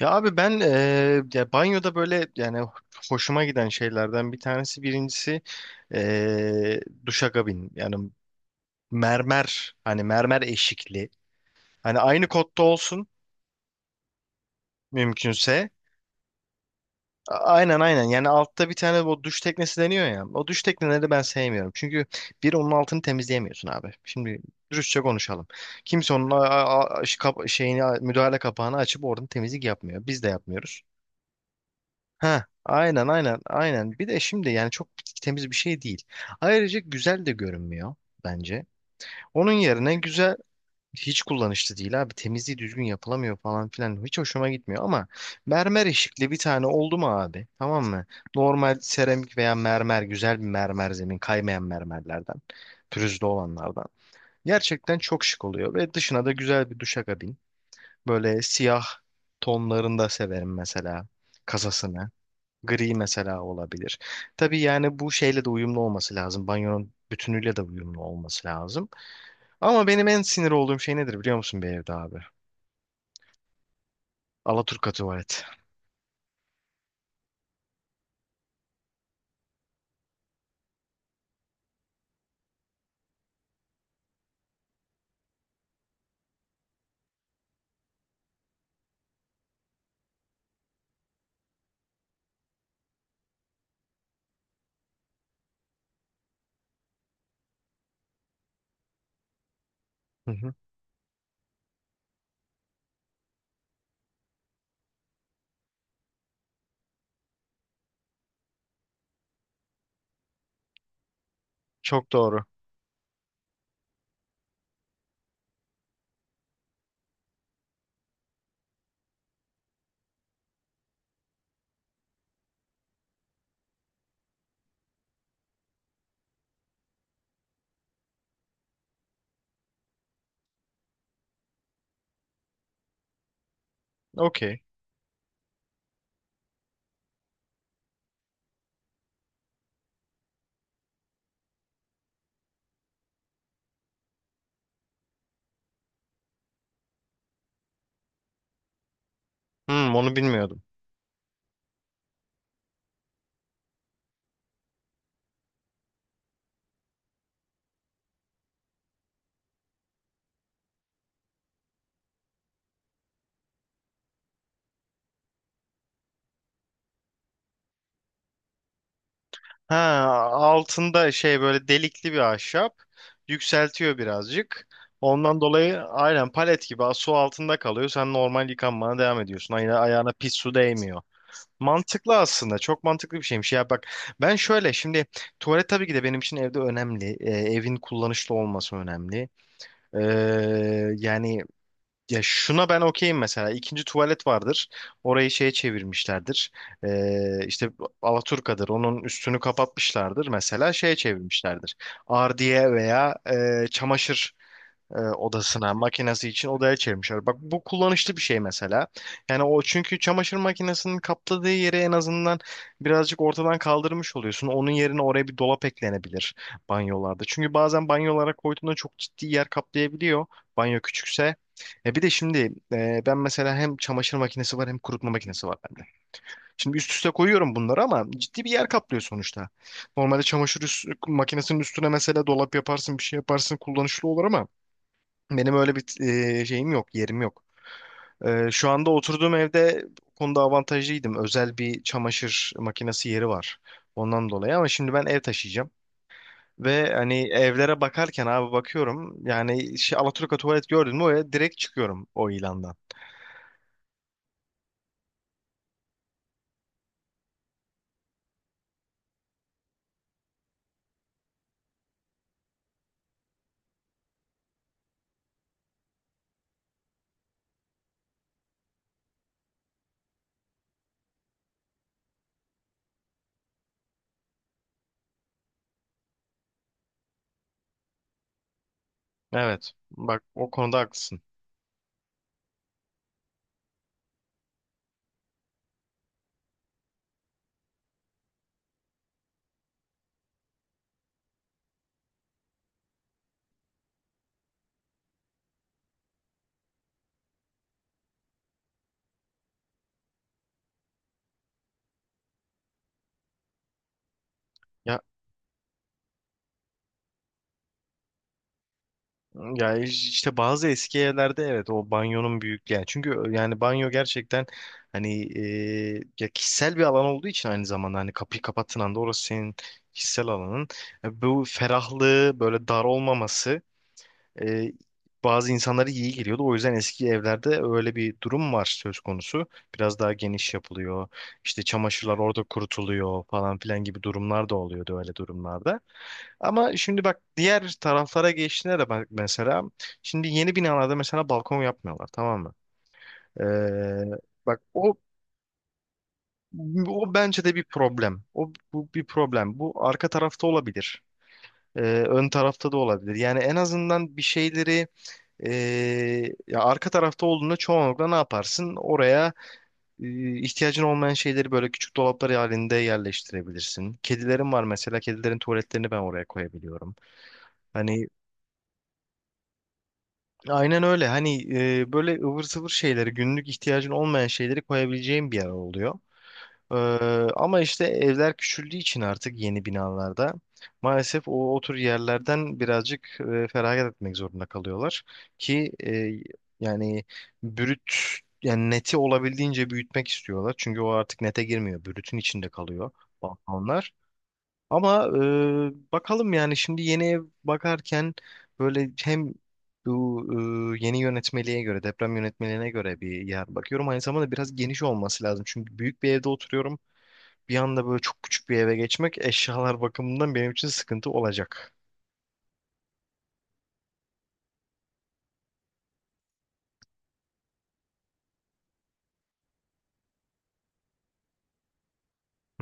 Ya abi ben ya banyoda böyle yani hoşuma giden şeylerden bir tanesi birincisi duşakabin yani mermer hani mermer eşikli hani aynı kotta olsun mümkünse aynen aynen yani altta bir tane bu duş teknesi deniyor ya o duş tekneleri ben sevmiyorum çünkü bir onun altını temizleyemiyorsun abi şimdi dürüstçe konuşalım kimse onun şeyini müdahale kapağını açıp oradan temizlik yapmıyor biz de yapmıyoruz. Ha, aynen aynen aynen. Bir de şimdi yani çok temiz bir şey değil. Ayrıca güzel de görünmüyor bence. Onun yerine güzel hiç kullanışlı değil abi. Temizliği düzgün yapılamıyor falan filan. Hiç hoşuma gitmiyor ama mermer eşikli bir tane oldu mu abi? Tamam mı? Normal seramik veya mermer güzel bir mermer zemin kaymayan mermerlerden. Pürüzlü olanlardan. Gerçekten çok şık oluyor ve dışına da güzel bir duşakabin. Böyle siyah tonlarında severim mesela kasasını. Gri mesela olabilir. Tabii yani bu şeyle de uyumlu olması lazım. Banyonun bütünüyle de uyumlu olması lazım. Ama benim en sinir olduğum şey nedir biliyor musun bir evde abi? Alaturka tuvalet. Hı hı. Çok doğru. Okey. Hmm, onu bilmiyordum. Ha, altında şey böyle delikli bir ahşap. Yükseltiyor birazcık. Ondan dolayı aynen palet gibi su altında kalıyor. Sen normal yıkanmana devam ediyorsun. Ayağına, ayağına pis su değmiyor. Mantıklı aslında. Çok mantıklı bir şeymiş. Ya bak ben şöyle şimdi tuvalet tabii ki de benim için evde önemli. Evin kullanışlı olması önemli. Ee, yani ya şuna ben okeyim mesela. İkinci tuvalet vardır. Orayı şeye çevirmişlerdir. İşte Alaturka'dır. Onun üstünü kapatmışlardır. Mesela şeye çevirmişlerdir. Ardiye veya çamaşır odasına makinesi için odaya çevirmişler. Bak bu kullanışlı bir şey mesela. Yani o çünkü çamaşır makinesinin kapladığı yeri en azından birazcık ortadan kaldırmış oluyorsun. Onun yerine oraya bir dolap eklenebilir banyolarda. Çünkü bazen banyolara koyduğunda çok ciddi yer kaplayabiliyor. Banyo küçükse. E bir de şimdi ben mesela hem çamaşır makinesi var hem kurutma makinesi var bende. Şimdi üst üste koyuyorum bunları ama ciddi bir yer kaplıyor sonuçta. Normalde makinesinin üstüne mesela dolap yaparsın bir şey yaparsın kullanışlı olur ama benim öyle bir şeyim yok, yerim yok. E, şu anda oturduğum evde bu konuda avantajlıydım. Özel bir çamaşır makinesi yeri var. Ondan dolayı ama şimdi ben ev taşıyacağım. Ve hani evlere bakarken abi bakıyorum. Yani şey, Alaturka tuvalet gördün mü oraya direkt çıkıyorum o ilandan. Evet. Bak o konuda haklısın. Ya işte bazı eski evlerde evet o banyonun büyüklüğü yani çünkü yani banyo gerçekten hani ya kişisel bir alan olduğu için aynı zamanda hani kapıyı kapattığın anda orası senin kişisel alanın. E, bu ferahlığı böyle dar olmaması e, bazı insanlara iyi geliyordu. O yüzden eski evlerde öyle bir durum var söz konusu. Biraz daha geniş yapılıyor. İşte çamaşırlar orada kurutuluyor falan filan gibi durumlar da oluyordu öyle durumlarda. Ama şimdi bak diğer taraflara geçtiğinde de bak mesela şimdi yeni binalarda mesela balkon yapmıyorlar, tamam mı? Ee, Bak o bence de bir problem. Bu bir problem. Bu arka tarafta olabilir. Ee, Ön tarafta da olabilir. Yani en azından bir şeyleri ee, ya arka tarafta olduğunda çoğunlukla ne yaparsın? Oraya ihtiyacın olmayan şeyleri böyle küçük dolaplar halinde yerleştirebilirsin. Kedilerim var mesela. Kedilerin tuvaletlerini ben oraya koyabiliyorum. Hani aynen öyle. Hani böyle ıvır zıvır şeyleri, günlük ihtiyacın olmayan şeyleri koyabileceğim bir yer oluyor. Ee, Ama işte evler küçüldüğü için artık yeni binalarda maalesef o tür yerlerden birazcık feragat etmek zorunda kalıyorlar ki yani brüt yani neti olabildiğince büyütmek istiyorlar. Çünkü o artık nete girmiyor. Brütün içinde kalıyor balkonlar. Ama bakalım yani şimdi yeni ev bakarken böyle hem bu yeni yönetmeliğe göre, deprem yönetmeliğine göre bir yer bakıyorum. Aynı zamanda biraz geniş olması lazım. Çünkü büyük bir evde oturuyorum, bir anda böyle çok küçük bir eve geçmek eşyalar bakımından benim için sıkıntı olacak.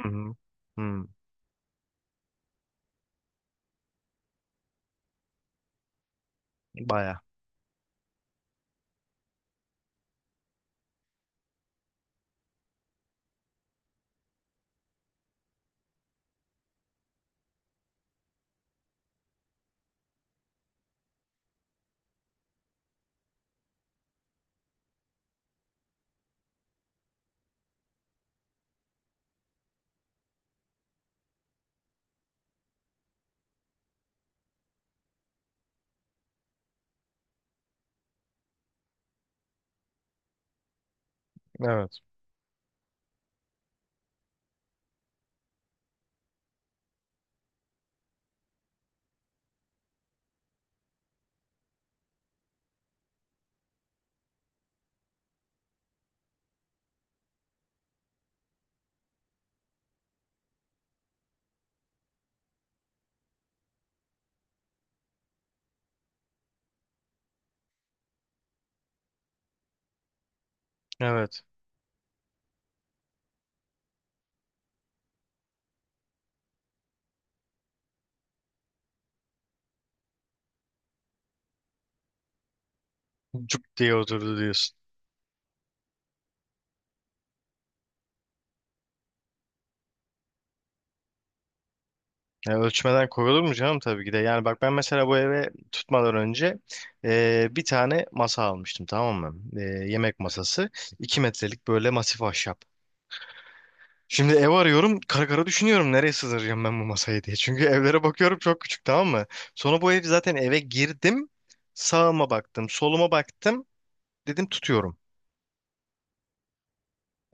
Hı hı. Hı. Baya. Evet. Evet. Cuk diye oturdu diyorsun. Ya ölçmeden koyulur mu canım, tabii ki de. Yani bak ben mesela bu eve tutmadan önce bir tane masa almıştım, tamam mı? E, yemek masası. 2 metrelik böyle masif ahşap. Şimdi ev arıyorum, kara kara düşünüyorum nereye sığdıracağım ben bu masayı diye. Çünkü evlere bakıyorum çok küçük, tamam mı? Sonra bu ev zaten, eve girdim. Sağıma baktım, soluma baktım. Dedim tutuyorum.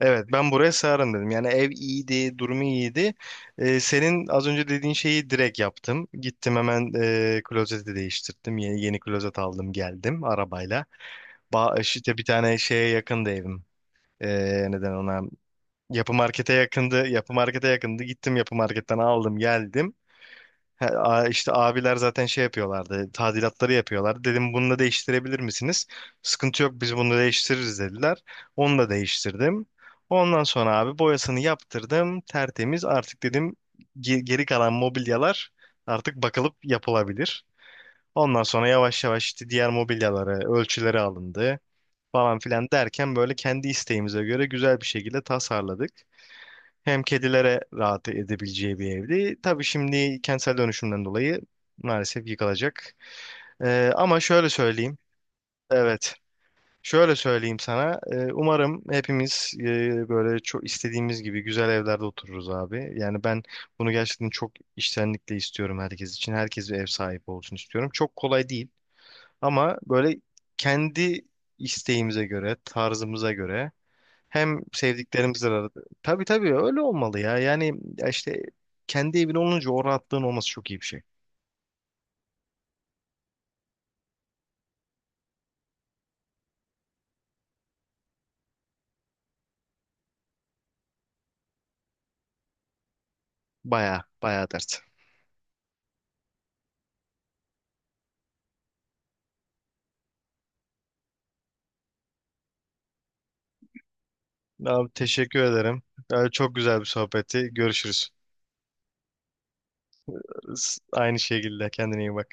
Evet, ben buraya sığarım dedim. Yani ev iyiydi, durumu iyiydi. Senin az önce dediğin şeyi direkt yaptım. Gittim hemen klozeti değiştirdim. Yeni klozet aldım geldim arabayla. Ba işte bir tane şeye yakındı evim. Neden ona? Yapı markete yakındı. Yapı markete yakındı. Gittim yapı marketten aldım geldim. He, işte abiler zaten şey yapıyorlardı. Tadilatları yapıyorlardı. Dedim bunu da değiştirebilir misiniz? Sıkıntı yok, biz bunu değiştiririz dediler. Onu da değiştirdim. Ondan sonra abi boyasını yaptırdım. Tertemiz artık, dedim geri kalan mobilyalar artık bakılıp yapılabilir. Ondan sonra yavaş yavaş işte diğer mobilyalara ölçüleri alındı falan filan derken böyle kendi isteğimize göre güzel bir şekilde tasarladık. Hem kedilere rahat edebileceği bir evdi. Tabii şimdi kentsel dönüşümden dolayı maalesef yıkılacak. Ama şöyle söyleyeyim. Evet. Şöyle söyleyeyim sana. Umarım hepimiz böyle çok istediğimiz gibi güzel evlerde otururuz abi. Yani ben bunu gerçekten çok içtenlikle istiyorum herkes için. Herkes bir ev sahibi olsun istiyorum. Çok kolay değil. Ama böyle kendi isteğimize göre, tarzımıza göre hem sevdiklerimizle arada. Tabii tabii öyle olmalı ya. Yani ya işte kendi evin olunca o rahatlığın olması çok iyi bir şey. Baya baya dert. Abi teşekkür ederim. Abi çok güzel bir sohbetti. Görüşürüz. S- Aynı şekilde kendine iyi bak.